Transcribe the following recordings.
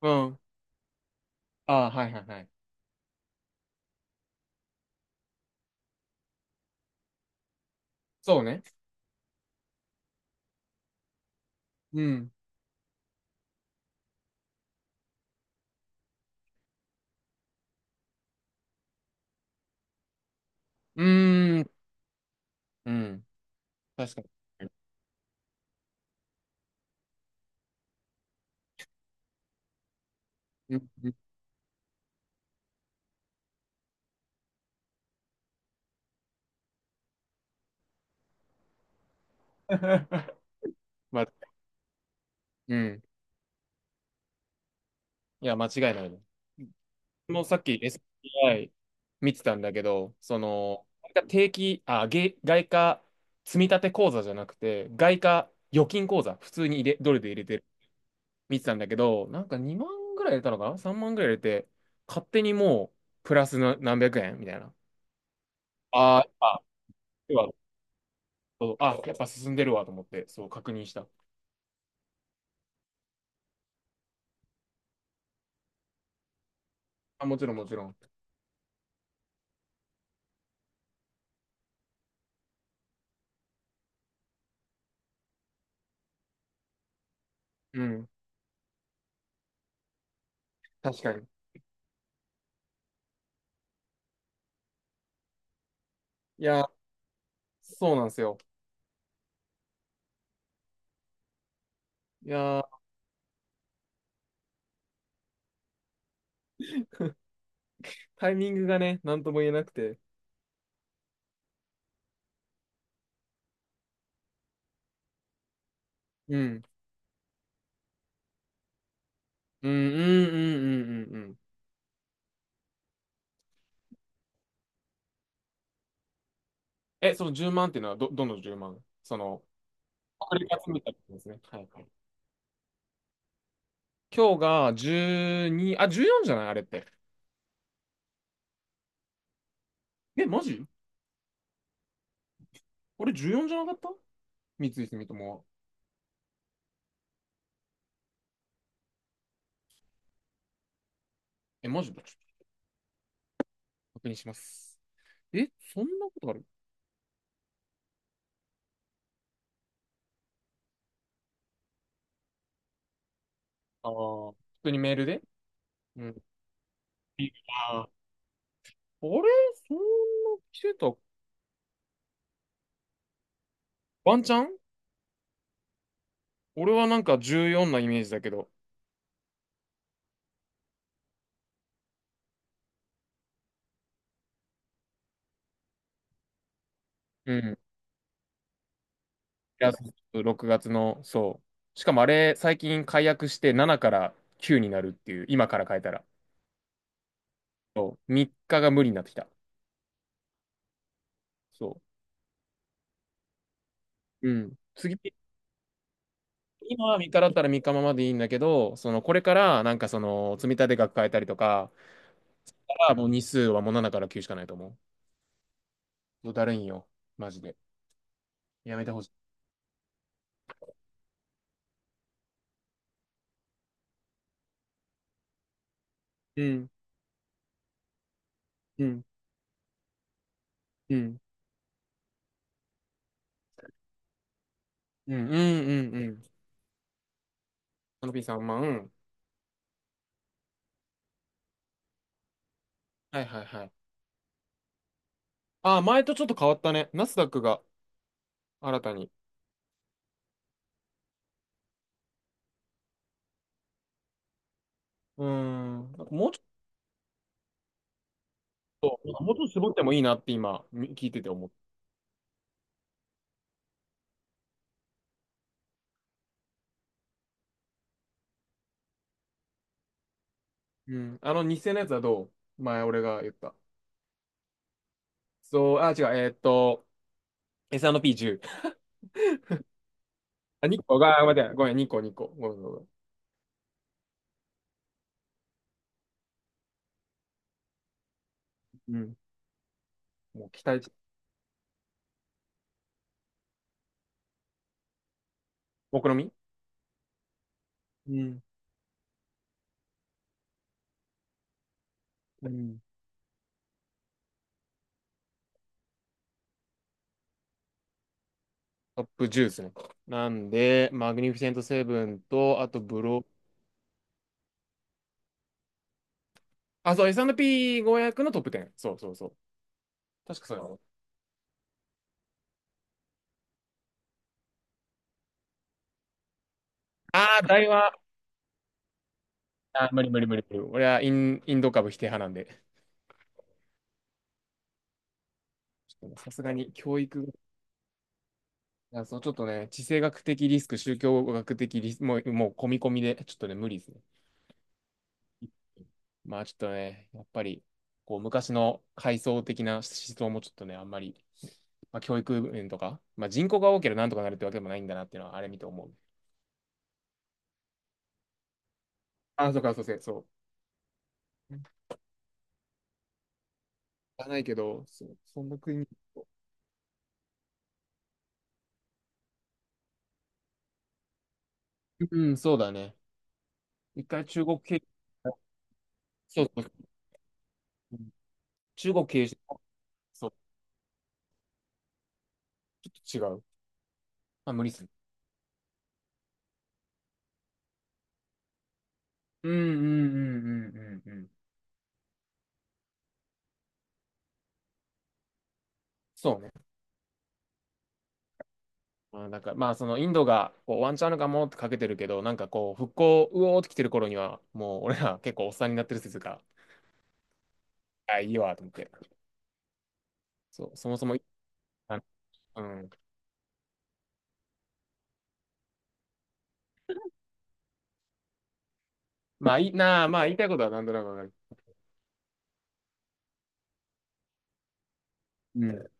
うん。ああ、はいはいはい。そうね。うん。うーん。うん。確かに。うん。うん まあ、うん。いや、間違いないね。もうさっき SBI 見てたんだけど、その、定期、あ、げ外貨積立口座じゃなくて、外貨預金口座、普通に入れ、ドルで入れてる、見てたんだけど、なんか2万ぐらい入れたのかな？ 3 万ぐらい入れて、勝手にもう、プラスの何百円みたいな。あーあ、要はそうあ、やっぱ進んでるわと思って、そう、確認した。あ、もちろん、もちろん。うん、確かに。いや、そうなんですよ。いや、タイミングがね、なんとも言えなくて。うん、うん、うん、うん、うん、うん。うんえ、その10万っていうのはど、の10万その、送が集めたってことですね。はいはい。今日が12、あ、14じゃないあれって。え、マジ俺14じゃなかった三井住友は。え、マジでちょっと確認します。え、そんなことあるああー、普通にメールでうん。ああれそんなしてたワンチャン俺はなんか14なイメージだけど。うん。いや、6月の、そう。しかもあれ、最近解約して7から9になるっていう、今から変えたら。そう。3日が無理になってきた。そう。うん。次、今は3日だったら3日ままでいいんだけど、その、これからなんかその、積立額変えたりとか、あもう日数はもう7から9しかないと思う。もうだるいんよ。マジで。やめてほしい。うん、うん、うん、うん、うん、うん、うん。あのピーさん、まあ、うん。はいはいはい。ああ、前とちょっと変わったね。ナスダックが新たに。うーん。なんかもうちょっと、もうちょっと絞ってもいいなって今、み聞いてて思った。うん。あの、日0のやつはどう前俺が言った。そう、あ、違う、S&P10。あ、2個が、あ待って、ごめん、2個、2個。ごめん、ごめん。ごめんうん。もう期待値。目論み？うん。うん。トップ10ですね。なんで、マグニフィセントセブンと、あとブロ、あ、そう、S&P500 のトップ10。そう。確かそうやろ。ああ、大和。あ、無理。俺はイン、ド株否定派なんで。ちょっとねさすがに教育、あ、そう、ちょっとね、地政学的リスク、宗教学的リスク、もう込み込みで、ちょっとね、無理ですね。まあちょっとね、やっぱり、こう、昔の階層的な思想もちょっとね、あんまり、まあ、教育面とか、まあ人口が多ければなんとかなるってわけでもないんだなっていうのは、あれ見て思う。あ、そうか、そう。じゃないけど、そう、そんな国。うん、そうだね。一回中国経由、そうそう、中国経由して、そうちょっと違う。まあ、無理する。うんうんうんうんうん。そうね。まあ、なんか、まあ、そのインドがこうワンチャンあるかもってかけてるけど、なんかこう、復興、うおーって来てる頃には、もう俺ら結構おっさんになってる説が、あ、いいわ、と思って。そう、そもそも、あうん。まあ、いいなあ、まあ、言いたいことは何となくわかる。うん。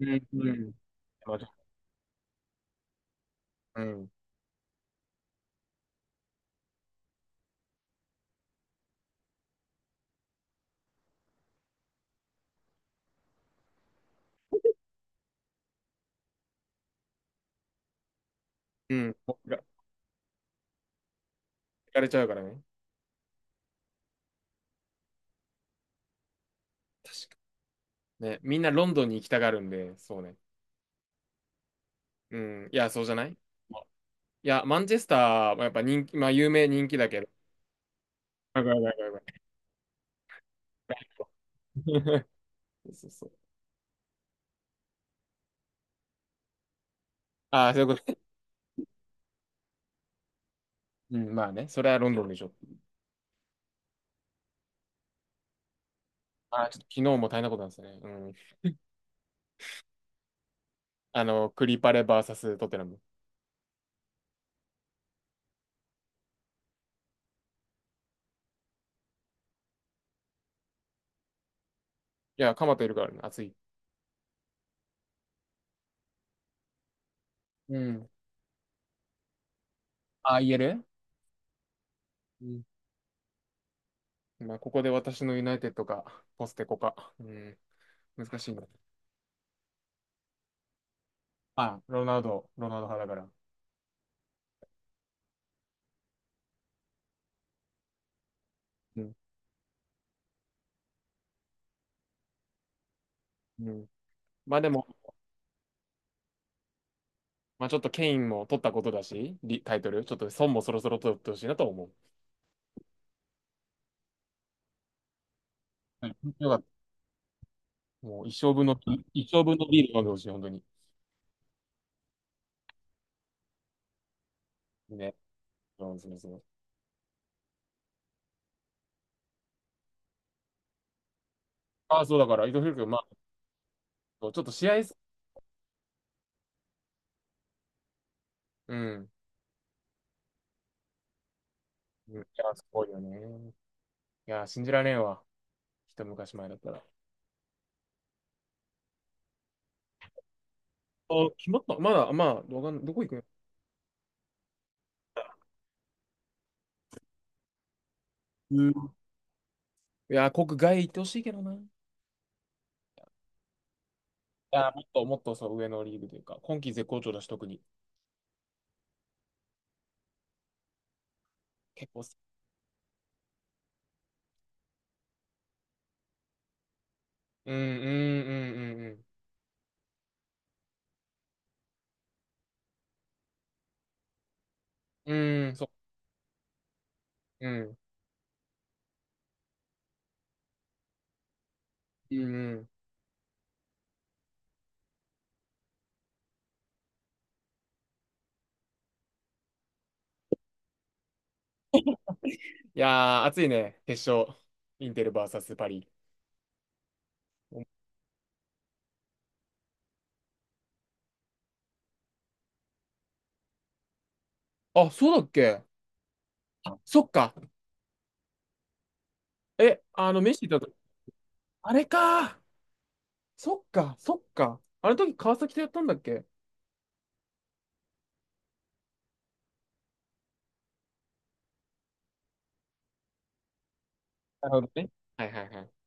うんうん。まあうん。うん。が行かれちゃうからね。確かね。みんなロンドンに行きたがるんで、そうね。うん。いや、そうじゃないまあいや、マンチェスターはやっぱ人気、まあ、有名人気だけど、わかる。そうそう。ああ、そういうこと。うん、まあね、それはロンドンでしょ。ああ、ちょっと昨日も大変なことなんですね。うん。あの、クリパレバーサストテナム。いや、カマトいるからね、熱い。うん。ああ、言えるうん。まあ、ここで私のユナイテッドか、ポステコか。うん。難しいな。ああ、ロナウド派だから。うん。うん。まあでも、まあちょっとケインも取ったことだし、リタイトル、ちょっと孫もそろそろ取ってほしいなと思う。はい。よかった。もう一生分の、一生分のビール飲んでほしい、本当に。ね。そうああ、そうだから、伊藤博君、まあ、ちょっと試合す、うん。うんいや、すごいよね。いや、信じられんわ。一昔前だったら。あ、決まったまだ、まあ、わかんない。どこ行くうんいや、国外行ってほしいけどな。いや、もっとそう、上のリーグというか、今季絶好調だし、特に。結構す、うん、うん、うん、うん。うん、そう、うん。いやー、熱いね、決勝。インテル VS パリ。あ、そうだっけあ、そっか。え、あの、メッシだと、あれか。そっか。あの時川崎とやったんだっけなるほどね。はいはいはい